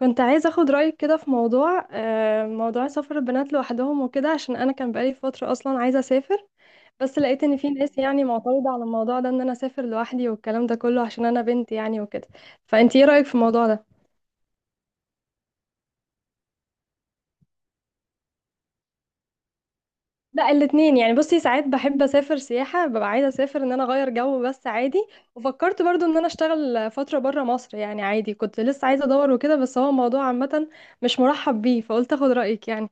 كنت عايزة اخد رأيك كده في موضوع موضوع سفر البنات لوحدهم وكده، عشان انا كان بقالي فترة اصلا عايزة اسافر. بس لقيت ان في ناس يعني معترضة على الموضوع ده، ان انا اسافر لوحدي والكلام ده كله عشان انا بنت يعني وكده. فانت ايه رأيك في الموضوع ده؟ لا الاتنين يعني، بصي، ساعات بحب اسافر سياحة، ببقى عايزة اسافر ان انا اغير جو بس عادي. وفكرت برضو ان انا اشتغل فترة برا مصر، يعني عادي، كنت لسه عايزة ادور وكده، بس هو الموضوع عامة مش مرحب بيه، فقلت اخد رأيك يعني.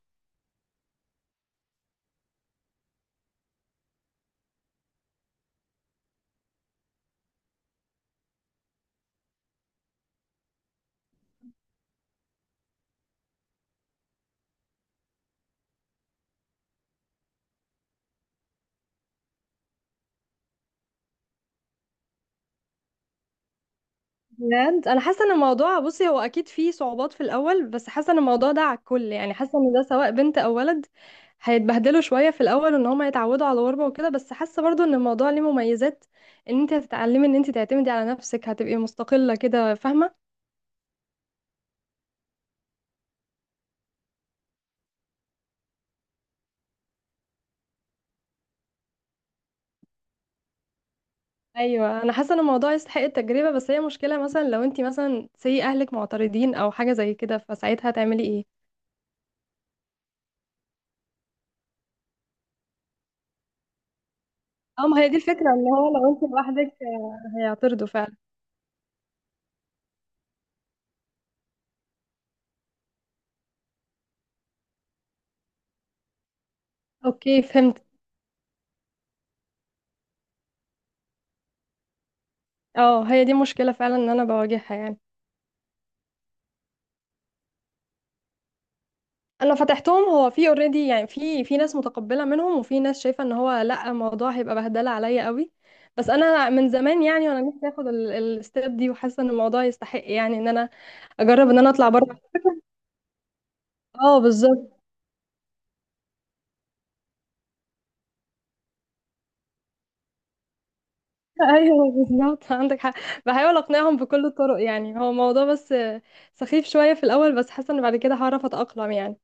بجد انا حاسه ان الموضوع، بصي، هو اكيد فيه صعوبات في الاول، بس حاسه ان الموضوع ده على الكل يعني، حاسه ان ده سواء بنت او ولد هيتبهدلوا شويه في الاول وان هم يتعودوا على الغربه وكده. بس حاسه برضو ان الموضوع ليه مميزات، ان انت هتتعلمي ان انت تعتمدي على نفسك، هتبقي مستقله كده، فاهمه. ايوه انا حاسه ان الموضوع يستحق التجربه، بس هي مشكله مثلا لو انت مثلا سي اهلك معترضين او حاجه زي كده، فساعتها هتعملي ايه؟ اه، ما هي دي الفكره، ان هو لو انت لوحدك هيعترضوا فعلا. اوكي، فهمت. اه، هي دي مشكلة فعلا ان انا بواجهها يعني. انا فتحتهم، هو في اوريدي يعني، في ناس متقبلة منهم، وفي ناس شايفة ان هو لا الموضوع هيبقى بهدلة عليا قوي. بس انا من زمان يعني وانا نفسي اخد الستيب دي، وحاسة ان الموضوع يستحق يعني، ان انا اجرب ان انا اطلع بره. اه بالظبط. ايوه بالظبط، عندك حق. بحاول اقنعهم بكل الطرق، يعني هو موضوع بس سخيف شوية في الاول، بس حاسة ان بعد كده هعرف اتأقلم يعني.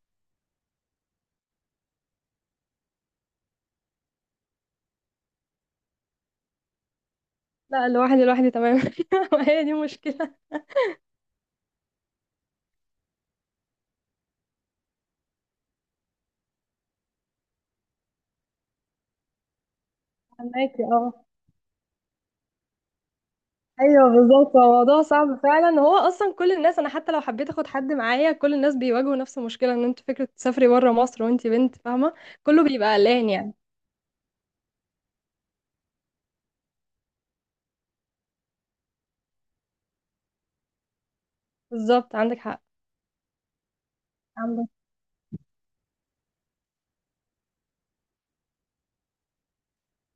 لا، لوحدي لوحدي تمام. هي دي مشكلة. فهماكي اه. ايوه بالظبط، هو موضوع صعب فعلا، هو اصلا كل الناس، انا حتى لو حبيت اخد حد معايا، كل الناس بيواجهوا نفس المشكله، ان انت فكره تسافري بره مصر وانت بنت، فاهمه. كله بيبقى قلقان يعني. بالظبط، عندك حق. عندك.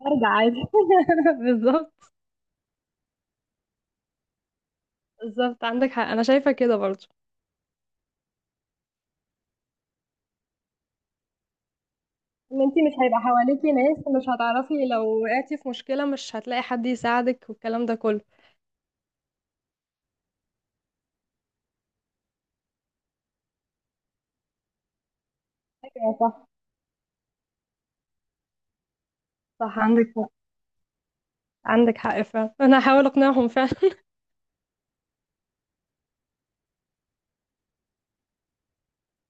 ارجع عادي. بالظبط. بالظبط عندك حق، انا شايفه كده برضو. ان انت مش هيبقى حواليكي ناس، مش هتعرفي لو وقعتي في مشكله، مش هتلاقي حد يساعدك والكلام ده كله. ايوه صح. صح، عندك حق. عندك حق فعلا، انا هحاول اقنعهم فعلا.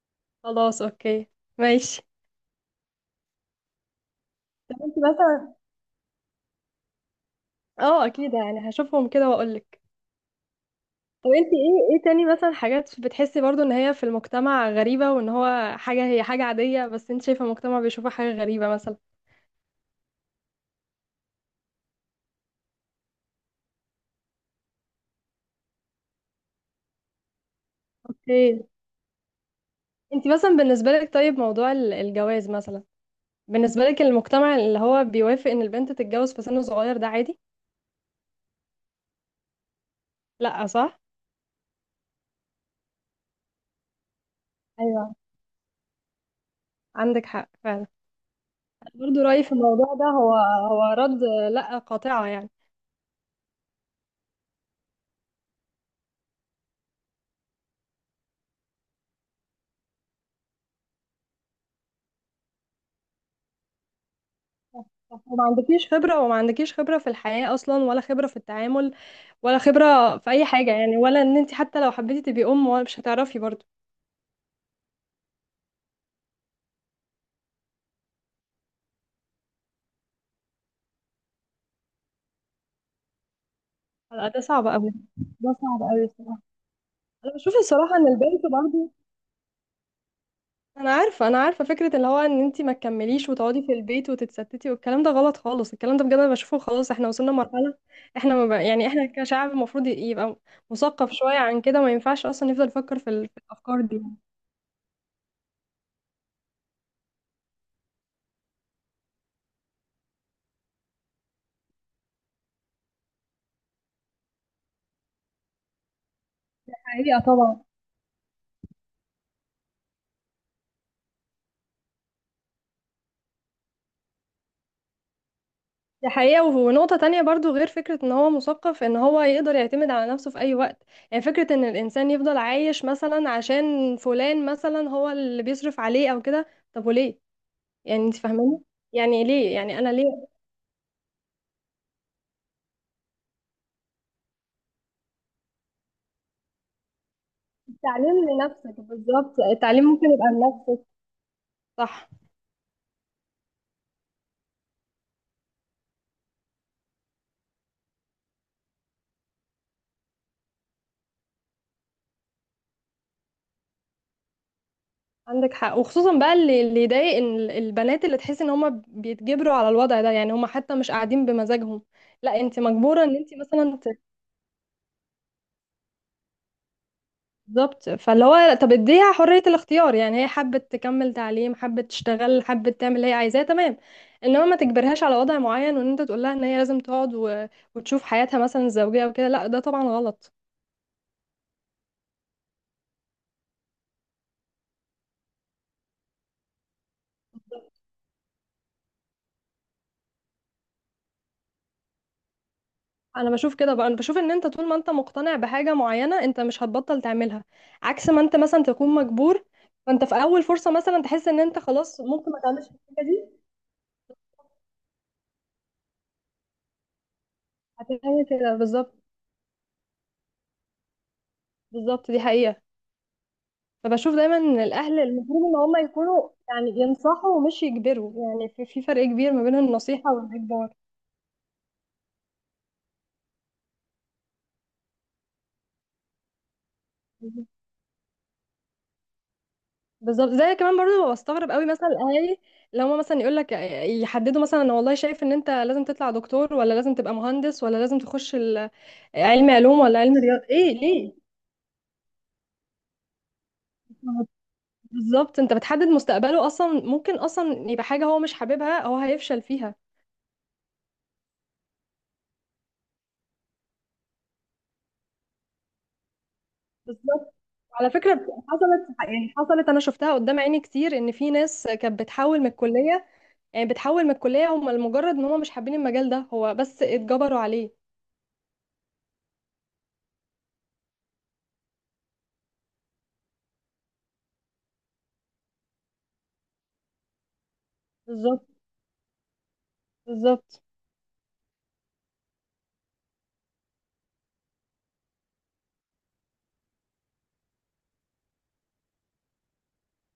خلاص اوكي. ماشي. طب انت مثلا. اه اكيد، يعني هشوفهم كده واقولك. طب انت ايه، ايه تاني مثلا حاجات بتحسي برضو ان هي في المجتمع غريبة، وان هو حاجة هي حاجة عادية بس انت شايفة المجتمع بيشوفها حاجة غريبة مثلا؟ اوكي. انت مثلا، بالنسبة لك، طيب موضوع الجواز مثلا، بالنسبة لك المجتمع اللي هو بيوافق ان البنت تتجوز في سن صغير ده عادي؟ لا صح. ايوه، عندك حق فعلا. برضو رأيي في الموضوع ده هو، هو رد لا قاطعة يعني. صح، صح. وما عندكيش خبرة، وما عندكيش خبرة في الحياة أصلا، ولا خبرة في التعامل، ولا خبرة في أي حاجة يعني، ولا إن أنت حتى لو حبيتي تبقي أم ولا، مش هتعرفي برضه. لا، ده صعب أوي. ده صعب أوي الصراحة. أنا بشوف الصراحة إن البنت برضه، أنا عارفة، أنا عارفة فكرة اللي هو إن أنت ما تكمليش وتقعدي في البيت وتتستتي، والكلام ده غلط خالص، الكلام ده بجد أنا بشوفه خلاص، إحنا وصلنا مرحلة، إحنا ما بقى يعني، إحنا كشعب المفروض يبقى مثقف شوية عن كده، ما ينفعش أصلا نفضل نفكر في في الأفكار دي. حقيقة طبعا. دي حقيقة، ونقطة تانية برضو غير فكرة ان هو مثقف، ان هو يقدر يعتمد على نفسه في اي وقت. يعني فكرة ان الانسان يفضل عايش مثلا عشان فلان مثلا هو اللي بيصرف عليه او كده، طب وليه يعني؟ انت فاهماني؟ يعني ليه يعني، انا ليه؟ التعليم لنفسك، بالظبط، التعليم ممكن يبقى لنفسك. صح. عندك حق، وخصوصا بقى اللي يضايق، ان البنات اللي تحس ان هم بيتجبروا على الوضع ده، يعني هم حتى مش قاعدين بمزاجهم. لا، انت مجبورة ان انت مثلا. بالظبط، فاللي هو، طب اديها حرية الاختيار يعني، هي حابة تكمل تعليم، حابة تشتغل، حابة تعمل اللي هي عايزاه، تمام. انما ما تجبرهاش على وضع معين، وان انت تقول لها ان هي لازم تقعد وتشوف حياتها مثلا الزوجية وكده. لا ده طبعا غلط. انا بشوف كده بقى، انا بشوف ان انت طول ما انت مقتنع بحاجة معينة، انت مش هتبطل تعملها، عكس ما انت مثلا تكون مجبور، فانت في اول فرصة مثلا تحس ان انت خلاص ممكن ما تعملش الحاجة دي، هتعمل كده بالظبط. بالظبط، دي حقيقة. فبشوف دايما ان الاهل المفروض ان هم يكونوا يعني ينصحوا ومش يجبروا، يعني في فرق كبير ما بين النصيحه والاجبار. بالظبط. زي كمان برضه بستغرب قوي مثلا الاهالي لو هم مثلا يقول لك، يحددوا مثلا، انا والله شايف ان انت لازم تطلع دكتور، ولا لازم تبقى مهندس، ولا لازم تخش علم علوم ولا علم رياضه، ايه ليه؟ بالظبط، انت بتحدد مستقبله، اصلا ممكن اصلا يبقى حاجه هو مش حاببها، هو هيفشل فيها. بالظبط. على فكرة، حصلت يعني، حصلت أنا شفتها قدام عيني كتير، إن في ناس كانت بتحول من الكلية، يعني بتحول من الكلية هم لمجرد إن هم مش حابين المجال ده، هو بس اتجبروا عليه. بالظبط. بالظبط.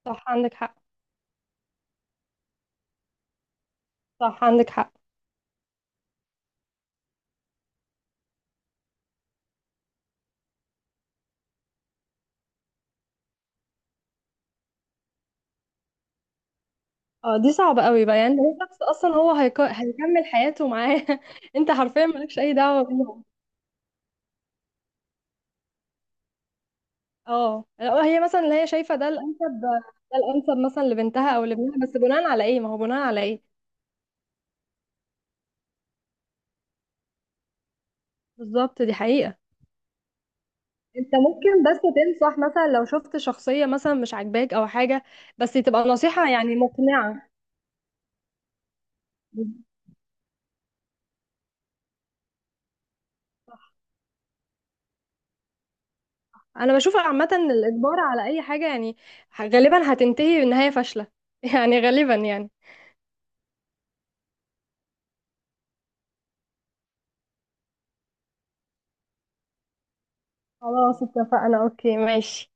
صح، عندك حق. صح، عندك حق. اه دي صعبة قوي بقى، يعني هو شخص أصلا هو هيكمل حياته معاه. أنت حرفيا مالكش أي دعوة بيهم. اه، لو هي مثلا اللي هي شايفة ده الأنسب، ده الأنسب مثلا لبنتها أو لابنها، بس بناء على إيه؟ ما هو بناء على إيه؟ بالظبط، دي حقيقة. انت ممكن بس تنصح مثلا لو شفت شخصية مثلا مش عاجباك او حاجة، بس تبقى نصيحة يعني مقنعة. انا بشوف عامة الاجبار على اي حاجة يعني غالبا هتنتهي بنهاية فاشلة. يعني غالبا يعني. خلاص، اتفقنا، اوكي ماشي.